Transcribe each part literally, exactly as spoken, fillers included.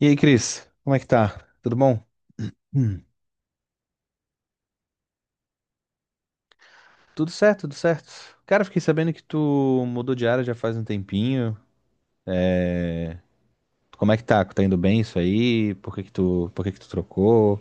E aí, Cris, como é que tá? Tudo bom? Hum. Tudo certo, tudo certo. Cara, fiquei sabendo que tu mudou de área já faz um tempinho. É... Como é que tá? Tá indo bem isso aí? Por que que tu, por que que tu trocou?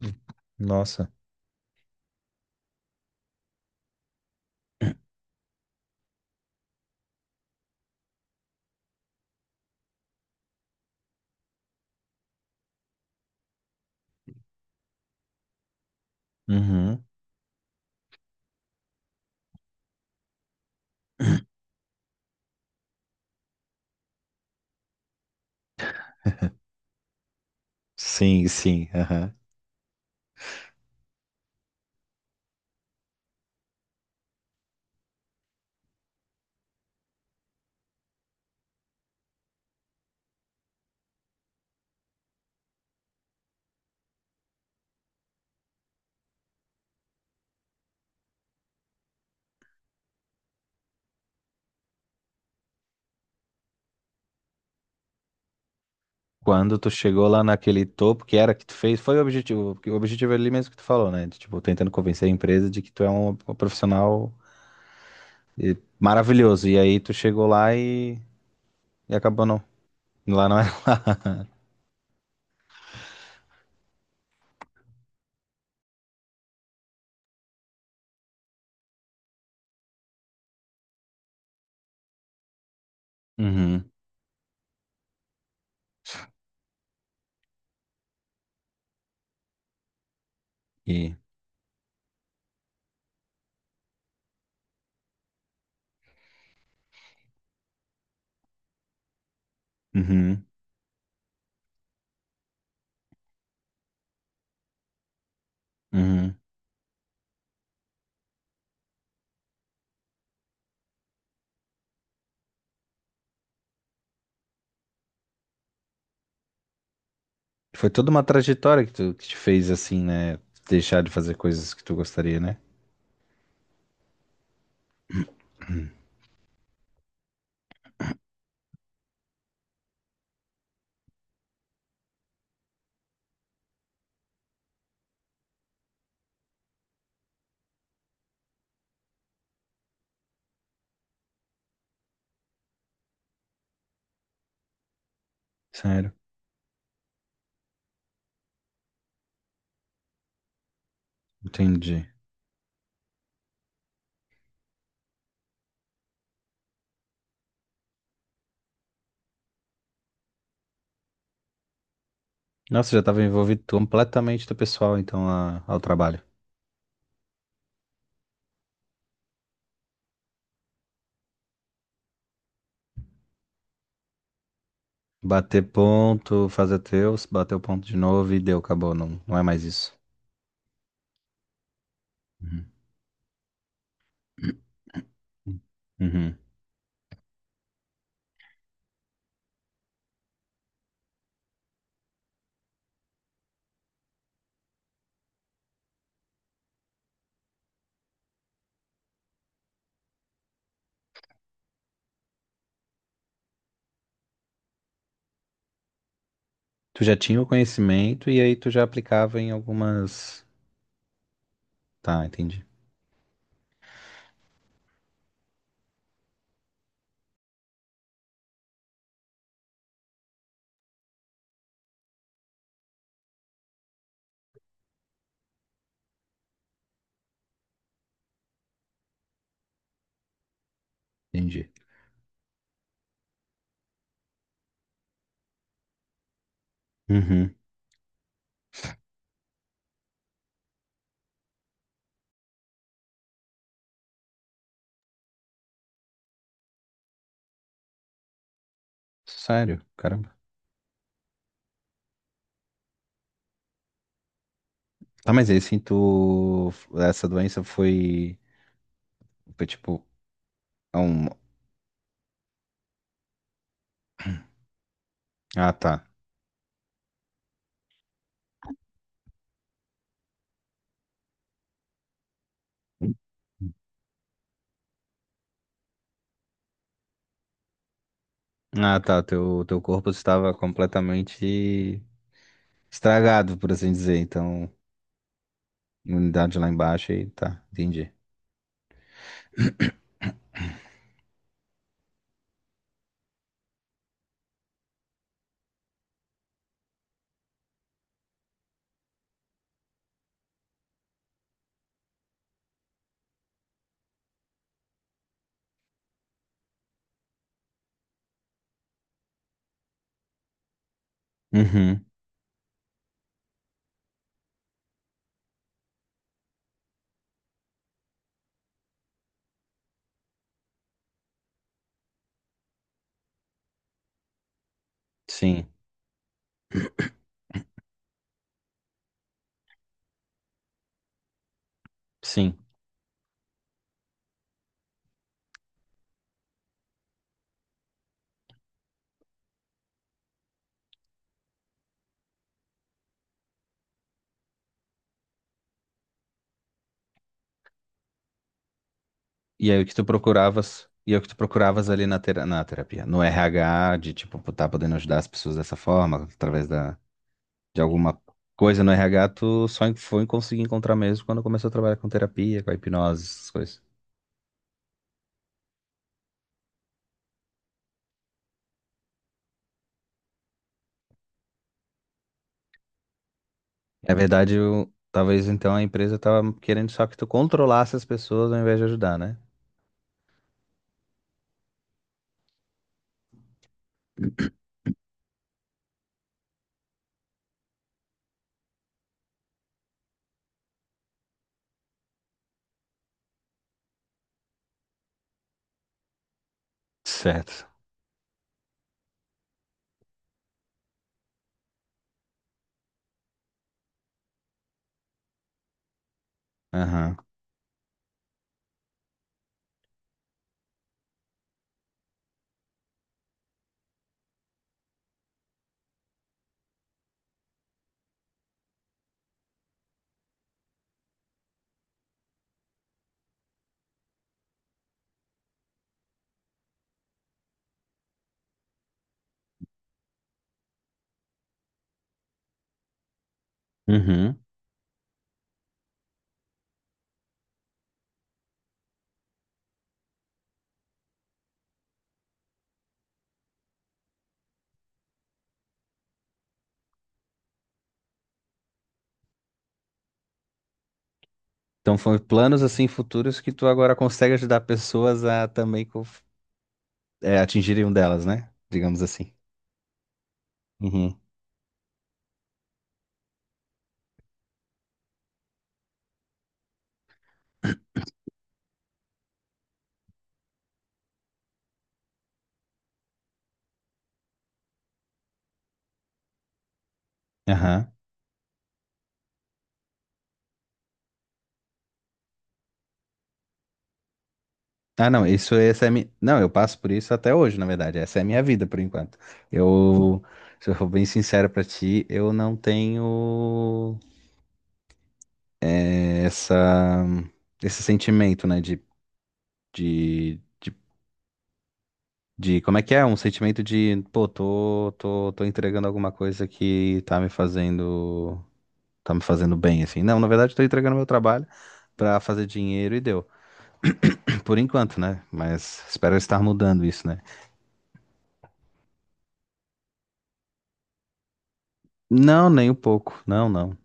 Hum. Nossa. Uhum. Sim, sim, aham. Quando tu chegou lá naquele topo, que era que tu fez, foi o objetivo, porque o objetivo é ali mesmo que tu falou, né? De, tipo, tentando convencer a empresa de que tu é um, um profissional eh, maravilhoso. E aí tu chegou lá e, e acabou não. Lá não era. Uhum. E- Uhum, uhum. Foi toda uma trajetória que tu que te fez assim, né? Deixar de fazer coisas que tu gostaria, né? Sério, entendi. Nossa, já tava envolvido completamente do pessoal, então, a- ao trabalho. Bater ponto, fazer teus, bater o ponto de novo e deu, acabou, não, não é mais isso. Uhum. Uhum. Tu já tinha o conhecimento e aí tu já aplicava em algumas. Tá, entendi. Entendi. Uhum. Sério, caramba. Tá, mas aí assim, tu. Essa doença foi. Foi tipo. É um- Ah, tá. Ah, tá. Teu, teu corpo estava completamente estragado, por assim dizer. Então, imunidade lá embaixo e tá, entendi. Uhum. Sim, sim. E aí o que tu procuravas? E aí o que tu procuravas ali na, tera- na terapia? No R H, de tipo, pô, tá podendo ajudar as pessoas dessa forma, através da, de alguma coisa no R H, tu só en- foi conseguir encontrar mesmo quando começou a trabalhar com terapia, com a hipnose, essas coisas. Na verdade, o- talvez então a empresa tava querendo só que tu controlasse as pessoas ao invés de ajudar, né? Certo. Aham. Uhum. Então foi planos assim futuros que tu agora consegue ajudar pessoas a também co- é, atingirem um delas, né? Digamos assim. Uhum. Aham. Ah, não, isso essa é mi... Não, eu passo por isso até hoje, na verdade. Essa é a minha vida por enquanto. Eu, se eu for bem sincero pra ti, eu não tenho é, essa esse sentimento, né, de, de, De como é que é? Um sentimento de, pô, tô, tô, tô entregando alguma coisa que tá me fazendo, tá me fazendo bem, assim. Não, na verdade, tô entregando meu trabalho pra fazer dinheiro e deu. Por enquanto, né? Mas espero estar mudando isso, né? Não, nem um pouco. Não, não.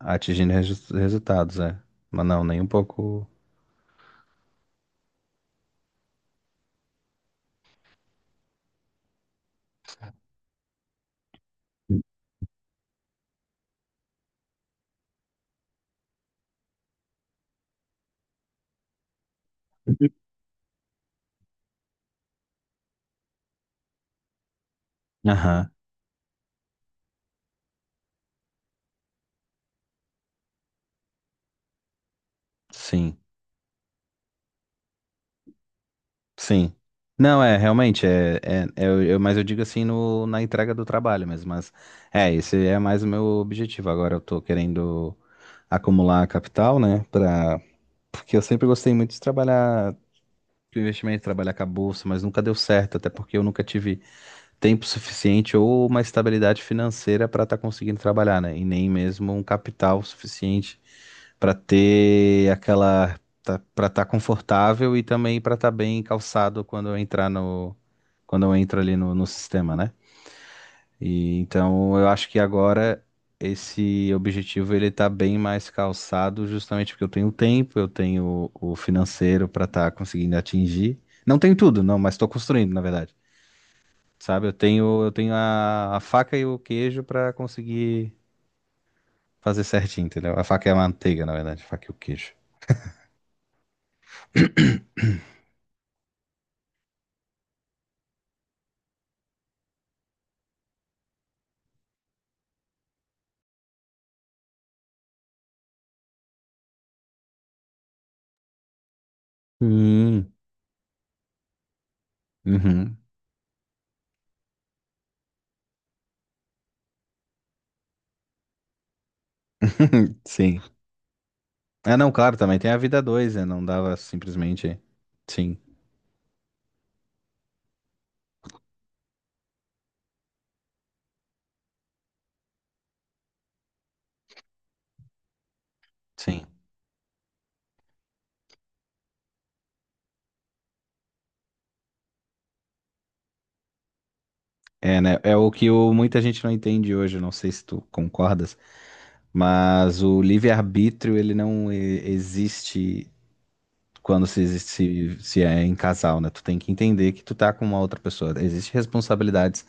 Atingindo resu- resultados, é. Mas não, nem um pouco. Aham, sim. Sim. Não, é, realmente, é, é, é, eu, eu- mas eu digo assim no, na entrega do trabalho mesmo, mas é, esse é mais o meu objetivo. Agora eu tô querendo acumular capital, né, pra, porque eu sempre gostei muito de trabalhar, do investimento, trabalhar com a bolsa, mas nunca deu certo, até porque eu nunca tive tempo suficiente ou uma estabilidade financeira para estar conseguindo trabalhar, né? E nem mesmo um capital suficiente para ter aquela para estar confortável e também para estar bem calçado quando eu entrar no quando eu entro ali no, no sistema, né? E então eu acho que agora esse objetivo ele tá bem mais calçado justamente porque eu tenho tempo, eu tenho o financeiro para estar conseguindo atingir. Não tenho tudo, não, mas estou construindo, na verdade. Sabe? Eu tenho, eu tenho a, a faca e o queijo pra conseguir fazer certinho, entendeu? A faca é a manteiga, na verdade, a faca e o queijo. Hum, uhum, sim. Ah, não, claro, também tem a vida dois, né? Não dava simplesmente. Sim, sim. É, né? É o que o- muita gente não entende hoje, não sei se tu concordas, mas o livre-arbítrio, ele não e- existe quando se, se, se é em casal, né? Tu tem que entender que tu tá com uma outra pessoa. Existem responsabilidades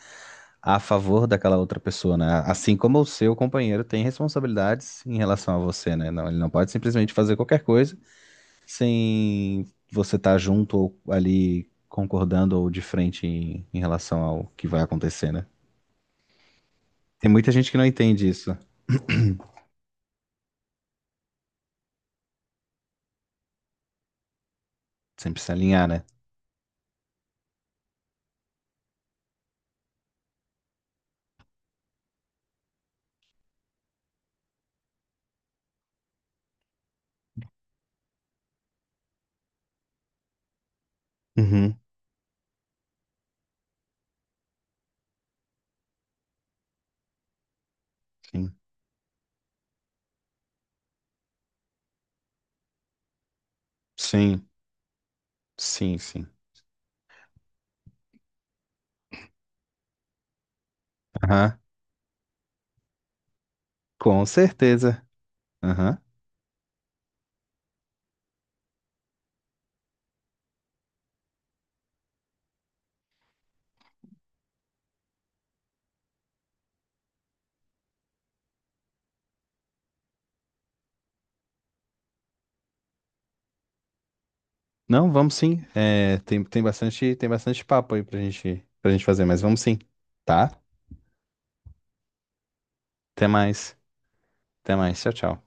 a favor daquela outra pessoa, né? Assim como o seu companheiro tem responsabilidades em relação a você, né? Não, ele não pode simplesmente fazer qualquer coisa sem você estar junto ou ali concordando ou de frente em, em relação ao que vai acontecer, né? Tem muita gente que não entende isso. Sempre se alinhar, né? Uhum, sim. Sim, sim, sim. Aham, com certeza. Aham. Não, vamos sim. É, tem, tem bastante, tem bastante papo aí pra gente, pra gente fazer, mas vamos sim, tá? Até mais. Até mais. Tchau, tchau.